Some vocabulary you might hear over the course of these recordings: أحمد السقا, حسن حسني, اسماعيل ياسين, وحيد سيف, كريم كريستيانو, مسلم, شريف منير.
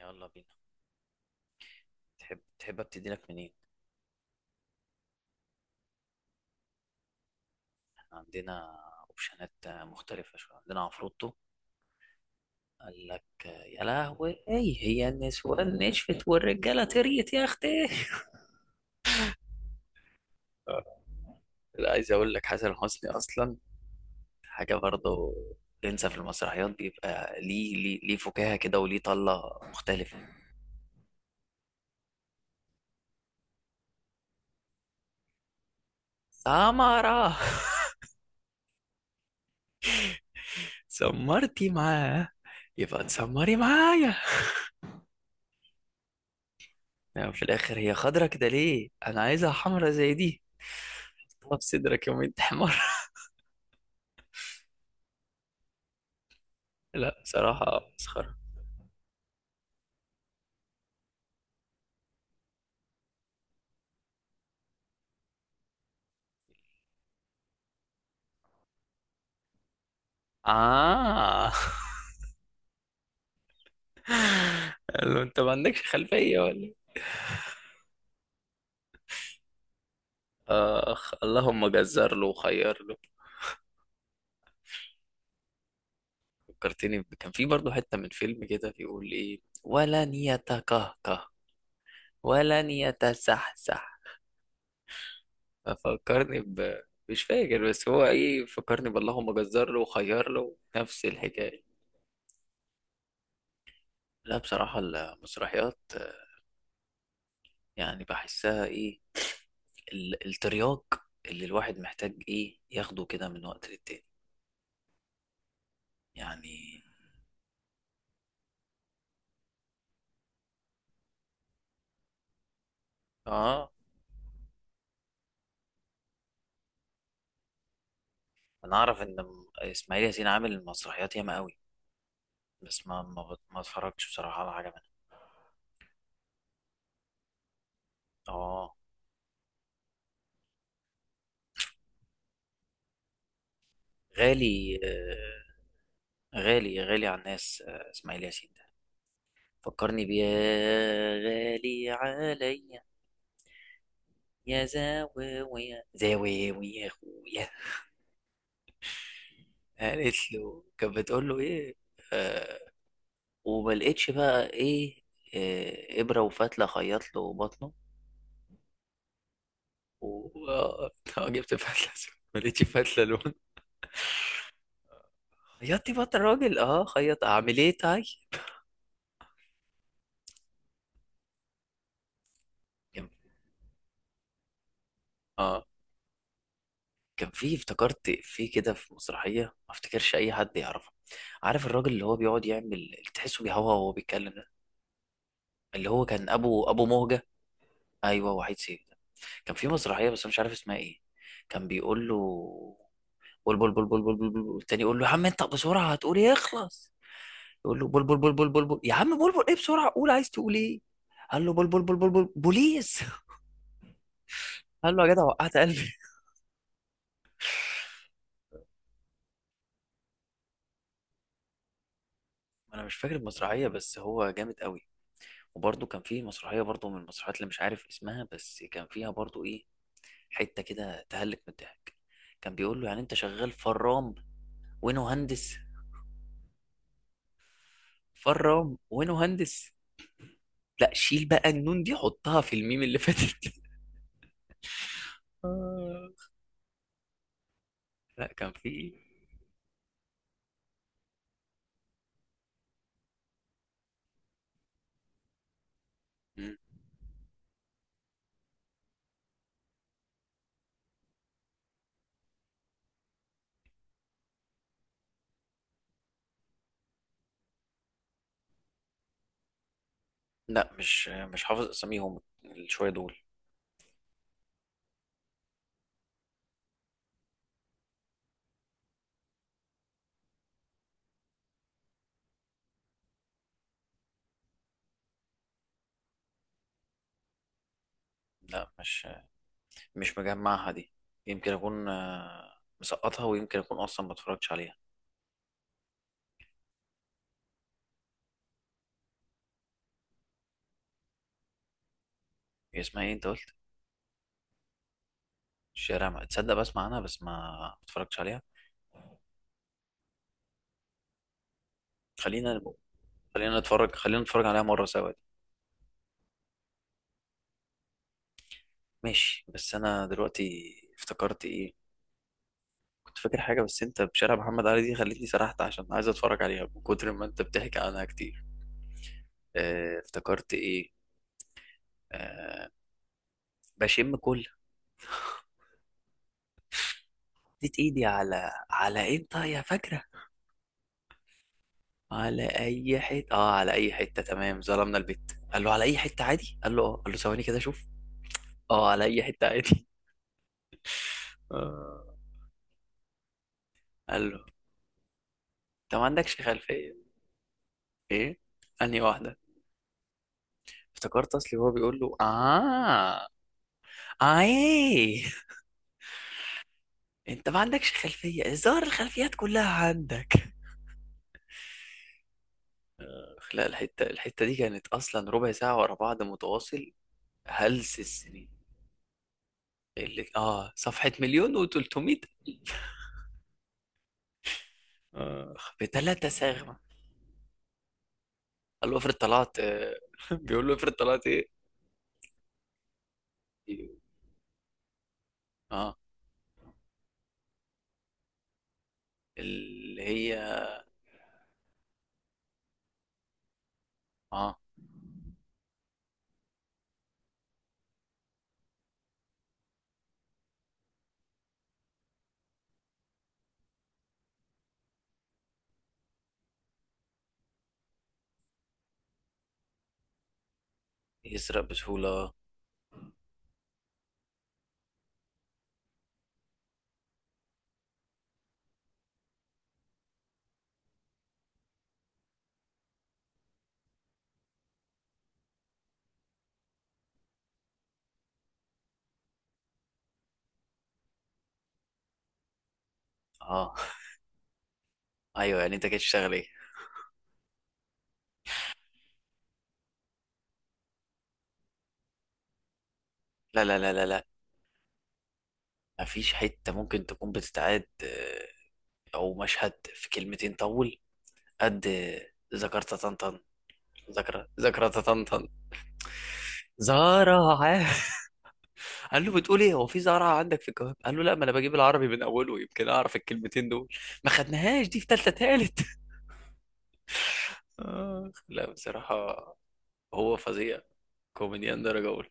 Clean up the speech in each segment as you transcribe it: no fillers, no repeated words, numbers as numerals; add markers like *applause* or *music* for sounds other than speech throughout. يلا بينا. تحب ابتدي لك منين؟ احنا عندنا اوبشنات مختلفة شوية. عندنا عفروتو. قال لك يا لهوي ايه هي النسوان نشفت والرجالة تريت يا اختي. *laughs* لا، عايز اقول لك حسن حسني اصلا حاجة برضه. تنسى في المسرحيات بيبقى ليه فكاهة كده وليه طلة مختلفة. سمرة، سمرتي معاه، يبقى تسمري معايا. يعني في الاخر هي خضرة كده، ليه انا عايزها حمرة زي دي؟ طب صدرك يوم انت حمار. لا بصراحة مسخرة. آه. *laughs* قال له أنت ما عندكش خلفية ولا إيه؟ آخ، اللهم جزر له وخير له. كان في برضه حتة من فيلم كده بيقول إيه، ولن يتكهكه ولن يتسحسح. ففكرني، مش فاكر بس هو إيه، فكرني باللهم جزر له وخير له، نفس الحكاية. لا بصراحة المسرحيات، يعني بحسها إيه، الترياق اللي الواحد محتاج إيه ياخده كده من وقت للتاني. يعني اه. انا اعرف ان اسماعيل ياسين عامل مسرحيات ياما قوي، بس ما اتفرجتش بصراحه على حاجه منها. اه غالي آه، غالي غالي على الناس، آه اسماعيل ياسين ده فكرني بيه، يا غالي عليا. يا زاوية يا اخويا. قالت له، كانت بتقول له ايه؟ آه، وما لقيتش بقى ايه. آه ابره وفتله خيط له بطنه. و *laughs* جبت فتله، ما لقيتش فتله له. خياطي بقى الراجل، اه خيط، اعمل ايه تاي؟ كان اه، كان في، افتكرت في كده، في مسرحيه ما افتكرش اي حد يعرفه. عارف الراجل اللي هو بيقعد يعمل اللي تحسه بيهوى وهو بيتكلم ده؟ اللي هو كان ابو مهجه، ايوه وحيد سيف ده. كان في مسرحيه بس أنا مش عارف اسمها ايه. كان بيقول له بول بول بول بول بول بول بول، التاني يقول له يا عم انت بسرعه هتقول ايه، اخلص. يقول له بول بول بول بول بول بول، يا عم بول بول ايه، بسرعه قول عايز تقول ايه. قال له بول بول بول بول بول بوليس. قال له يا جدع وقعت قلبي. انا مش فاكر المسرحيه بس هو جامد قوي. وبرضه كان فيه مسرحيه، برضه من المسرحيات اللي مش عارف اسمها، بس كان فيها برضه ايه، حته كده تهلك من الضحك. كان بيقول له يعني انت شغال فرام وانا مهندس. فرام وانا مهندس. لا شيل بقى النون دي حطها في الميم اللي فاتت. *laughs* آه. لا كان فيه. مم. لا مش حافظ اساميهم، شويه دول. لا مش مجمعها دي. يمكن اكون مسقطها، ويمكن اكون اصلا ما اتفرجتش عليها. هي اسمها ايه انت قلت؟ الشارع ما تصدق بسمع عنها، بس ما، ما اتفرجتش عليها. خلينا خلينا نتفرج عليها مرة سوا دي. ماشي، بس انا دلوقتي افتكرت ايه. كنت فاكر حاجة بس انت بشارع محمد علي دي خلتني سرحت، عشان عايز اتفرج عليها من كتر ما انت بتحكي عنها كتير. اه افتكرت ايه. اه، بشم كل. اديت ايدي على، على انت يا فاكرة، على اي حتة. اه على اي حتة، تمام، ظلمنا البت. قال له على اي حتة عادي. قال له اه، قال له ثواني كده شوف. اه على اي حتة عادي. *laughs* آه. قال له انت ما عندكش خلفية، ايه انهي واحدة؟ افتكرت اصلي وهو بيقول له اه، اه ايه. *laughs* انت ما عندكش خلفية، ظهر الخلفيات كلها عندك. لا الحتة، الحتة دي كانت اصلا ربع ساعة ورا بعض متواصل. هلس السنين اللي اه صفحة مليون و300. اخ بتلاتة ساغمة. قال له افرض طلعت *laughs* بيقول له افرض طلعت ايه. اه اللي هي اه يسرق بسهولة. اه ايوه، يعني انت كده تشتغل ايه؟ لا، مفيش حتة ممكن تكون بتتعاد، أو مشهد في كلمتين طول. قد ذكرت طنطن. ذكرى طنطن. زهرة. *laughs* قال له بتقول ايه، هو في زهرة عندك في الجواب؟ قال له لا، ما انا بجيب العربي من اوله يمكن اعرف الكلمتين دول. ما خدناهاش دي في تالتة تالت. *laughs* آخ، لا بصراحة هو فظيع، كوميديان درجة أولى.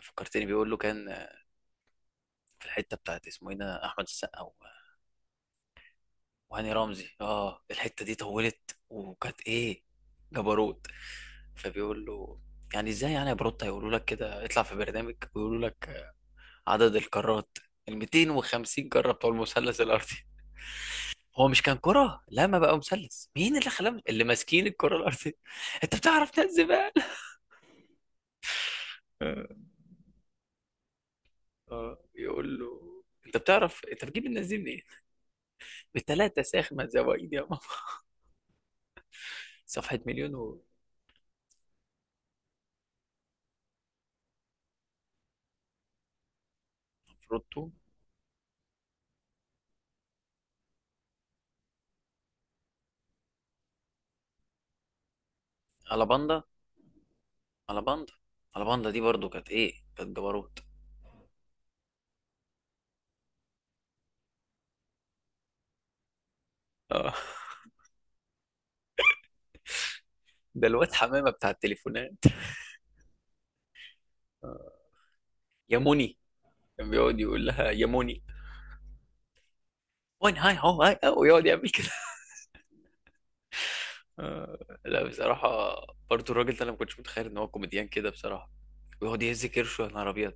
فكرتني بيقول له كان في الحتة بتاعت اسمه ايه ده، أحمد السقا وهاني رمزي. اه الحتة دي طولت وكانت ايه، جبروت. فبيقول له يعني ازاي يعني يا بروت هيقولوا لك كده، اطلع في برنامج ويقولوا لك عدد الكرات ال 250 كرة بتوع المثلث الارضي. هو مش كان كرة، لا ما بقى مثلث، مين اللي خلاهم اللي ماسكين الكرة الارضية؟ *laughs* انت بتعرف ناس زبالة. اه. *laughs* يقول له انت بتعرف، انت بتجيب الناس دي منين؟ بتلاتة ساخنة زوايد يا ماما. صفحة مليون. وفروتو. على باندا على باندا على باندا دي برضو كانت ايه، كانت جبروت. اه ده الواد حمامه بتاع التليفونات. يا موني، كان بيقعد يقول لها يا موني وين هاي، هو هاي أو ويقعد يعمل كده. لا بصراحه برضو الراجل ده انا ما كنتش متخيل ان هو كوميديان كده بصراحه. ويقعد يهز كرشه يا نهار ابيض،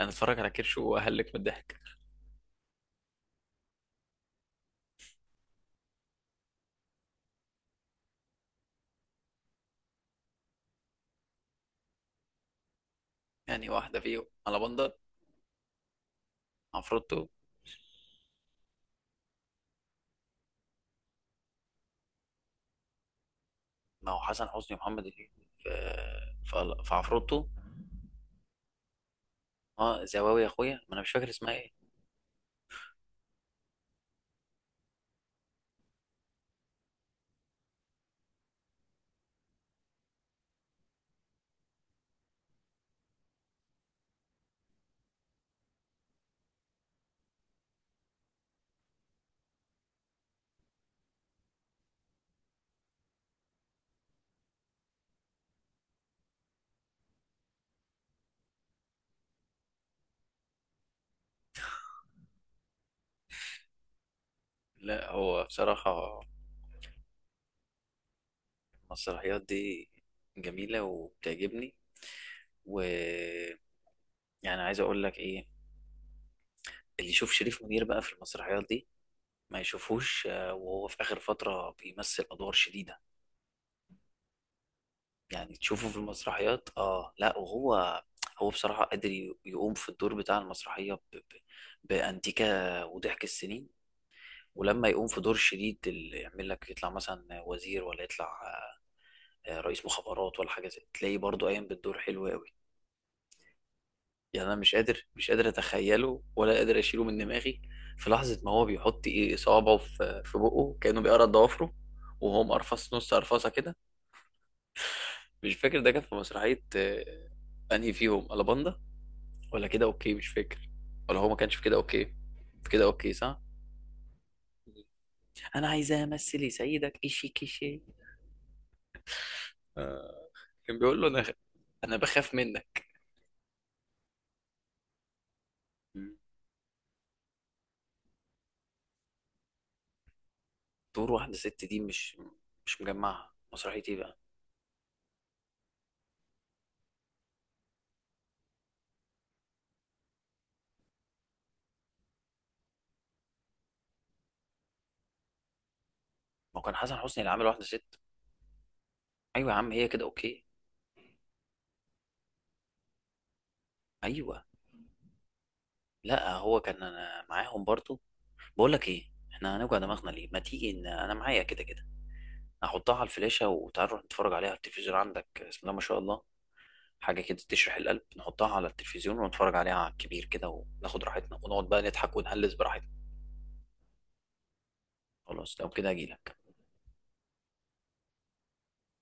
انا اتفرج على كرشه واهلك من الضحك. يعني واحده فيهم على بندر. عفروتو. ما هو حسن حسني ومحمد هنيدي في في عفروتو. اه زواوي يا اخويا، ما انا مش فاكر اسمها ايه. لا هو بصراحه المسرحيات دي جميلة وبتعجبني. و، يعني عايز أقول لك إيه، اللي يشوف شريف منير بقى في المسرحيات دي ما يشوفوش، وهو في آخر فترة بيمثل أدوار شديدة. يعني تشوفه في المسرحيات آه، لا وهو، هو بصراحة قادر يقوم في الدور بتاع المسرحية بأنتيكا وضحك السنين. ولما يقوم في دور شديد اللي يعمل لك يطلع مثلا وزير، ولا يطلع رئيس مخابرات ولا حاجة زي، تلاقيه برضه قايم بالدور حلو قوي. يعني انا مش قادر اتخيله ولا قادر اشيله من دماغي. في لحظه ما هو بيحط ايه صوابعه في بقه كانه بيقرا ضوافره. وهو مقرفص نص قرفصه كده. مش فاكر ده كان في مسرحيه، انهي فيهم، الاباندا ولا كده اوكي، مش فاكر. ولا هو ما كانش في كده اوكي. في كده اوكي صح. انا عايزه امثل سيدك ايشي كيشي. آه. كان بيقول له انا، انا بخاف منك. مم. دور واحده ست دي، مش مجمعها مسرحيه ايه بقى؟ ما هو كان حسن حسني اللي عامل واحده ست. ايوه يا عم، هي كده اوكي. ايوه. لا هو كان انا معاهم برضو. بقول لك ايه، احنا هنوجع دماغنا ليه، ما تيجي، ان انا معايا كده كده. احطها على الفلاشه وتعال نروح نتفرج عليها على التلفزيون عندك، بسم الله ما شاء الله. حاجه كده تشرح القلب، نحطها على التلفزيون ونتفرج عليها على الكبير كده، وناخد راحتنا ونقعد بقى نضحك ونهلس براحتنا. خلاص، لو كده اجيلك.